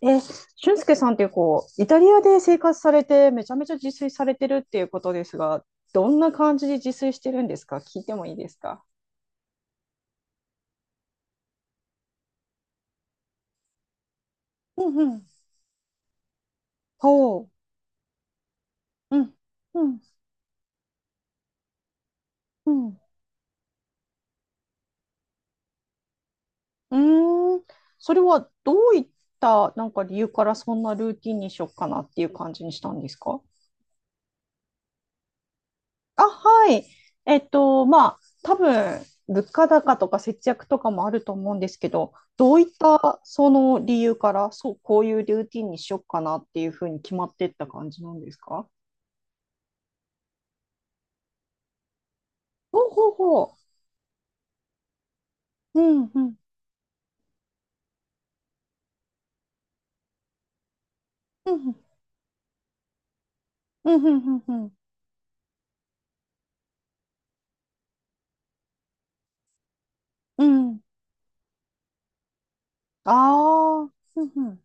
え、俊介さんってイタリアで生活されて、めちゃめちゃ自炊されてるっていうことですが、どんな感じで自炊してるんですか、聞いてもいいですか？うんうん。ほう。うん、うん、うん。うーん。それはどういった、なんか理由からそんなルーティンにしよっかなっていう感じにしたんですか？あ、はい。まあ、多分、物価高とか節約とかもあると思うんですけど、どういったその理由から、そう、こういうルーティンにしよっかなっていうふうに決まってった感じなんですか？ほうほうほう。うん、うん、うん、うん、うん、うん、うん。うん。ああ、うん、うん、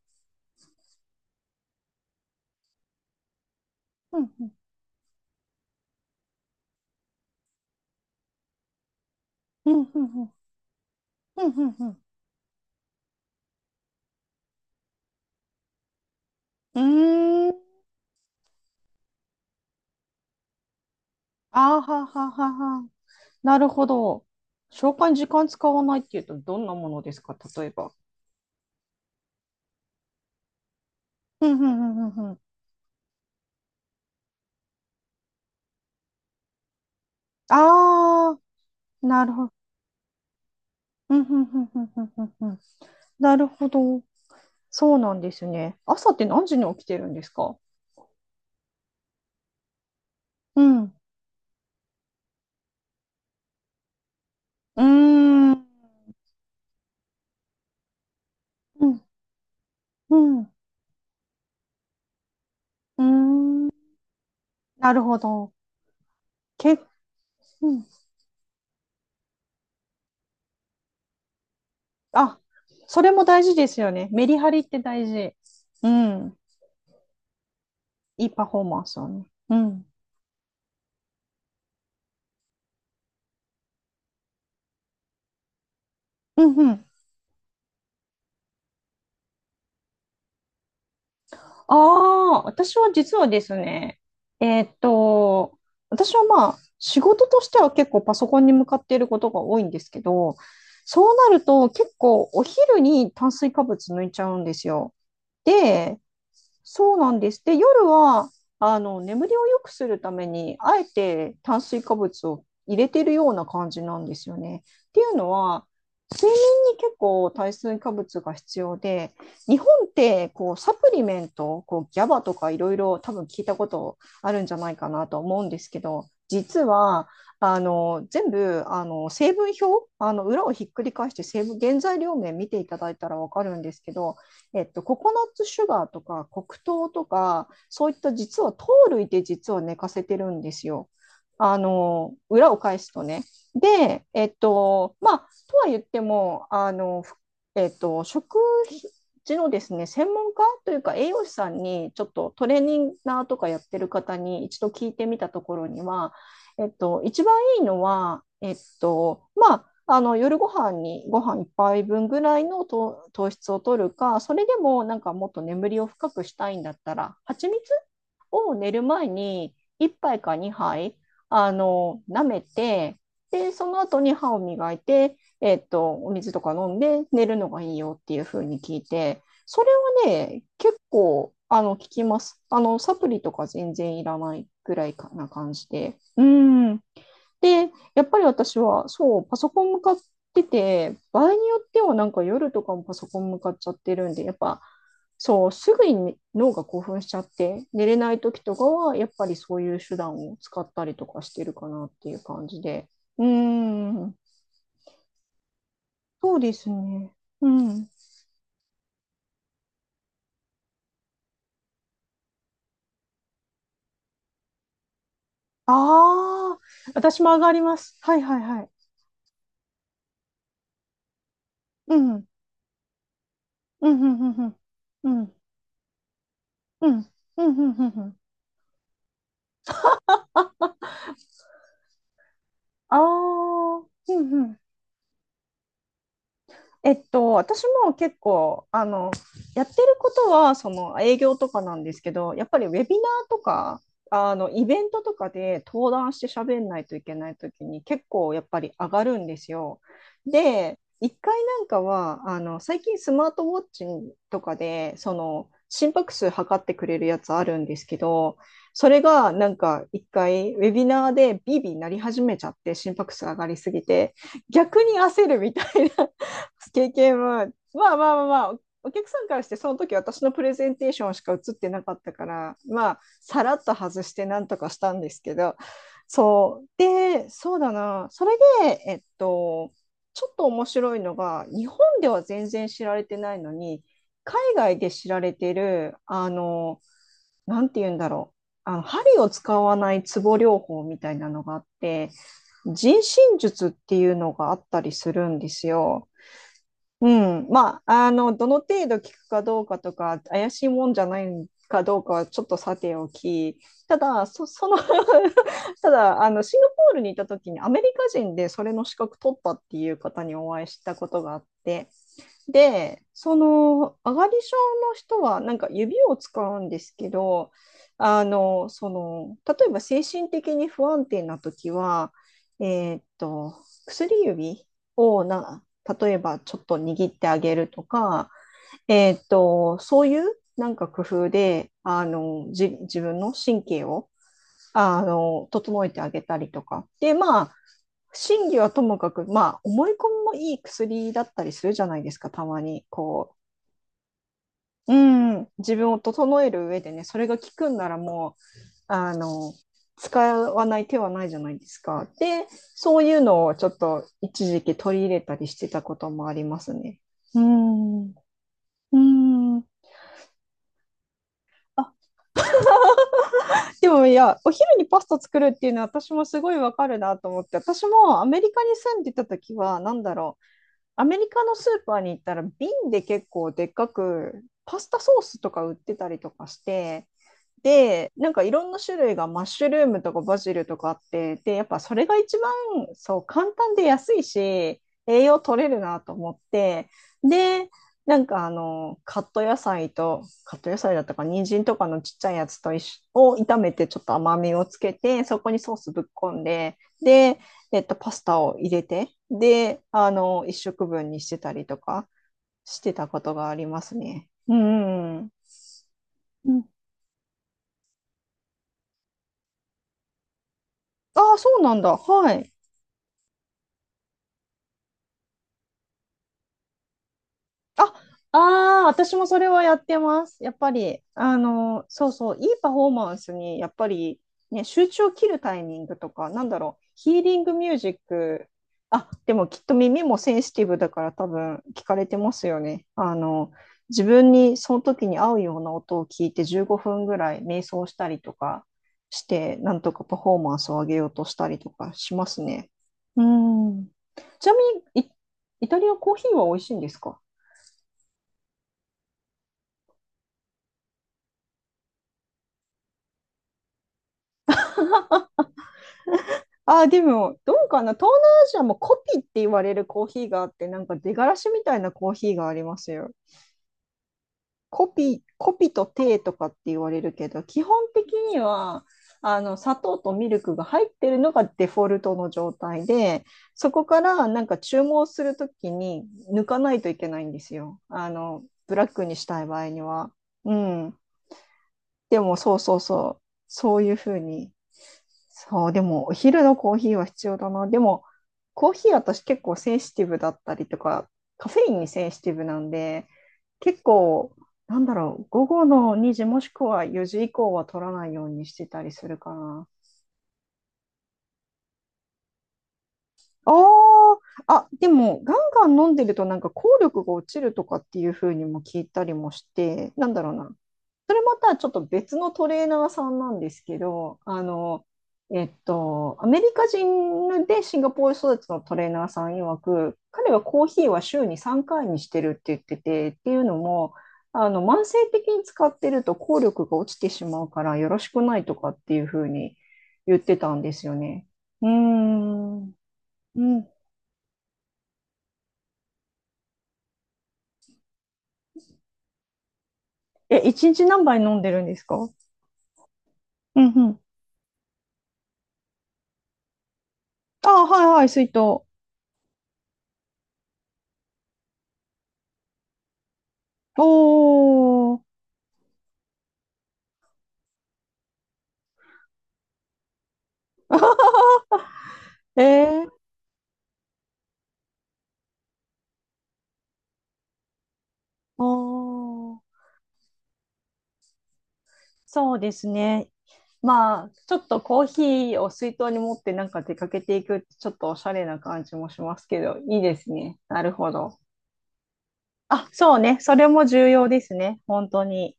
うん、うん、うん、うん、うん、うん、うん。うーん。ああ、はははは。なるほど。消化に時間使わないっていうと、どんなものですか、例えば。うんうんうんうん。ああ、なるほど。うんうんうんうんうんうんうん。なるほど。そうなんですね。朝って何時に起きてるんですか？うん。うーん。うん。うん。うーん。なるほど。け、うん。あ、それも大事ですよね。メリハリって大事。うん。いいパフォーマンスをね。うん。うんうん。ああ、私は実はですね、えーっと、私は仕事としては結構パソコンに向かっていることが多いんですけど、そうなると結構お昼に炭水化物抜いちゃうんですよ。で、そうなんです。で、夜は、眠りを良くするために、あえて炭水化物を入れてるような感じなんですよね。っていうのは、睡眠に結構炭水化物が必要で、日本ってこうサプリメント、こうギャバとかいろいろ多分聞いたことあるんじゃないかなと思うんですけど、実はあの全部あの成分表、あの裏をひっくり返して成分、原材料名見ていただいたら分かるんですけど、ココナッツシュガーとか黒糖とか、そういった実は類で実は寝かせてるんですよ。あの、裏を返すとね。で、とは言っても、えっと、食事のですね、専門家というか栄養士さんに、ちょっとトレーニンナーとかやってる方に一度聞いてみたところには、一番いいのは、あの夜ご飯にご飯一杯分ぐらいの糖質を取るか、それでもなんかもっと眠りを深くしたいんだったら、蜂蜜を寝る前に1杯か2杯あの舐めて、で、その後に歯を磨いて、お水とか飲んで寝るのがいいよっていう風に聞いて、それはね、結構あの効きます。あのサプリとか全然いらないぐらいかな感じで。うん。で、やっぱり私は、そう、パソコン向かってて、場合によってはなんか夜とかもパソコン向かっちゃってるんで、やっぱ、そう、すぐに脳が興奮しちゃって、寝れない時とかは、やっぱりそういう手段を使ったりとかしてるかなっていう感じで。うーん、そうですね。うん。ああ、私も上がります。はいはいはい。うん、うん、うん、うん、うん、うん、うん、うん、うん、うん。ああ、うん、うん、私も結構、やってることは、その営業とかなんですけど、やっぱりウェビナーとか、あの、イベントとかで登壇して喋んないといけないときに、結構やっぱり上がるんですよ。で、なんかは、最近スマートウォッチとかで、その、心拍数測ってくれるやつあるんですけど、それがなんか一回ウェビナーでビービーなり始めちゃって心拍数上がりすぎて逆に焦るみたいな経験は、まあまあまあまあ、お客さんからしてその時私のプレゼンテーションしか映ってなかったから、まあ、さらっと外してなんとかしたんですけど、そう。で、そうだな。それで、ちょっと面白いのが、日本では全然知られてないのに、海外で知られてる、なんて言うんだろう。あの、針を使わないツボ療法みたいなのがあって、人身術っていうのがあったりするんですよ。うん、まあ、あの、どの程度聞くかどうかとか、怪しいもんじゃないかどうかはちょっとさておき、ただ、そ、その ただ、あの、シンガポールにいた時にアメリカ人でそれの資格取ったっていう方にお会いしたことがあって、で、その上がり症の人はなんか指を使うんですけど、例えば精神的に不安定な時は、えーっと、薬指を例えばちょっと握ってあげるとか、そういうなんか工夫で、自分の神経を、あの、整えてあげたりとか。で、まあ、真偽はともかく、まあ、思い込みもいい薬だったりするじゃないですか、たまに。こう、うん、自分を整える上でね、それが効くんならもう、あの、使わない手はないじゃないですか。で、そういうのをちょっと一時期取り入れたりしてたこともありますね。うん。うん。あ、でもいや、お昼にパスタ作るっていうのは私もすごいわかるなと思って、私もアメリカに住んでた時は、なんだろう、アメリカのスーパーに行ったら瓶で結構でっかくパスタソースとか売ってたりとかして、で、なんかいろんな種類がマッシュルームとかバジルとかあって、で、やっぱそれが一番そう簡単で安いし、栄養取れるなと思って、で、カット野菜だったか、人参とかのちっちゃいやつと一緒を炒めてちょっと甘みをつけて、そこにソースぶっこんで、で、パスタを入れて、で、あの、一食分にしてたりとかしてたことがありますね。うんうんうん。うん。ああ、そうなんだ。はい。あ、ああ、私もそれはやってます。やっぱり、あの、そうそう、いいパフォーマンスに、やっぱり、ね、集中を切るタイミングとか、なんだろう、ヒーリングミュージック、あ、でもきっと耳もセンシティブだから多分聞かれてますよね。あの、自分にその時に合うような音を聞いて15分ぐらい瞑想したりとかして、なんとかパフォーマンスを上げようとしたりとかしますね。うん。ちなみに、イタリアコーヒーは美味しいんですか？あー、でも、どうかな、東南アジアもコピって言われるコーヒーがあって、なんか出がらしみたいなコーヒーがありますよ。コピとテーとかって言われるけど、基本的には、あの、砂糖とミルクが入ってるのがデフォルトの状態で、そこからなんか注文するときに抜かないといけないんですよ。あの、ブラックにしたい場合には。うん。でも、そうそうそう。そういうふうに、そう、でもお昼のコーヒーは必要だな。でも、コーヒー私結構センシティブだったりとか、カフェインにセンシティブなんで、結構、なんだろう、午後の2時もしくは4時以降は取らないようにしてたりするかな。あー。あ、でも、ガンガン飲んでるとなんか効力が落ちるとかっていう風にも聞いたりもして、なんだろうな。それまたちょっと別のトレーナーさんなんですけど、アメリカ人でシンガポール育ちのトレーナーさん曰く、彼はコーヒーは週に3回にしてるって言ってて、っていうのも、あの、慢性的に使ってると効力が落ちてしまうからよろしくないとかっていうふうに言ってたんですよね。うーん。うん。え、一日何杯飲んでるんですか？うんうん。あ、はいはい、水筒。おー。えーおー、そうですね。まあ、ちょっとコーヒーを水筒に持ってなんか出かけていくってちょっとおしゃれな感じもしますけど、いいですね。なるほど。あ、そうね。それも重要ですね。本当に。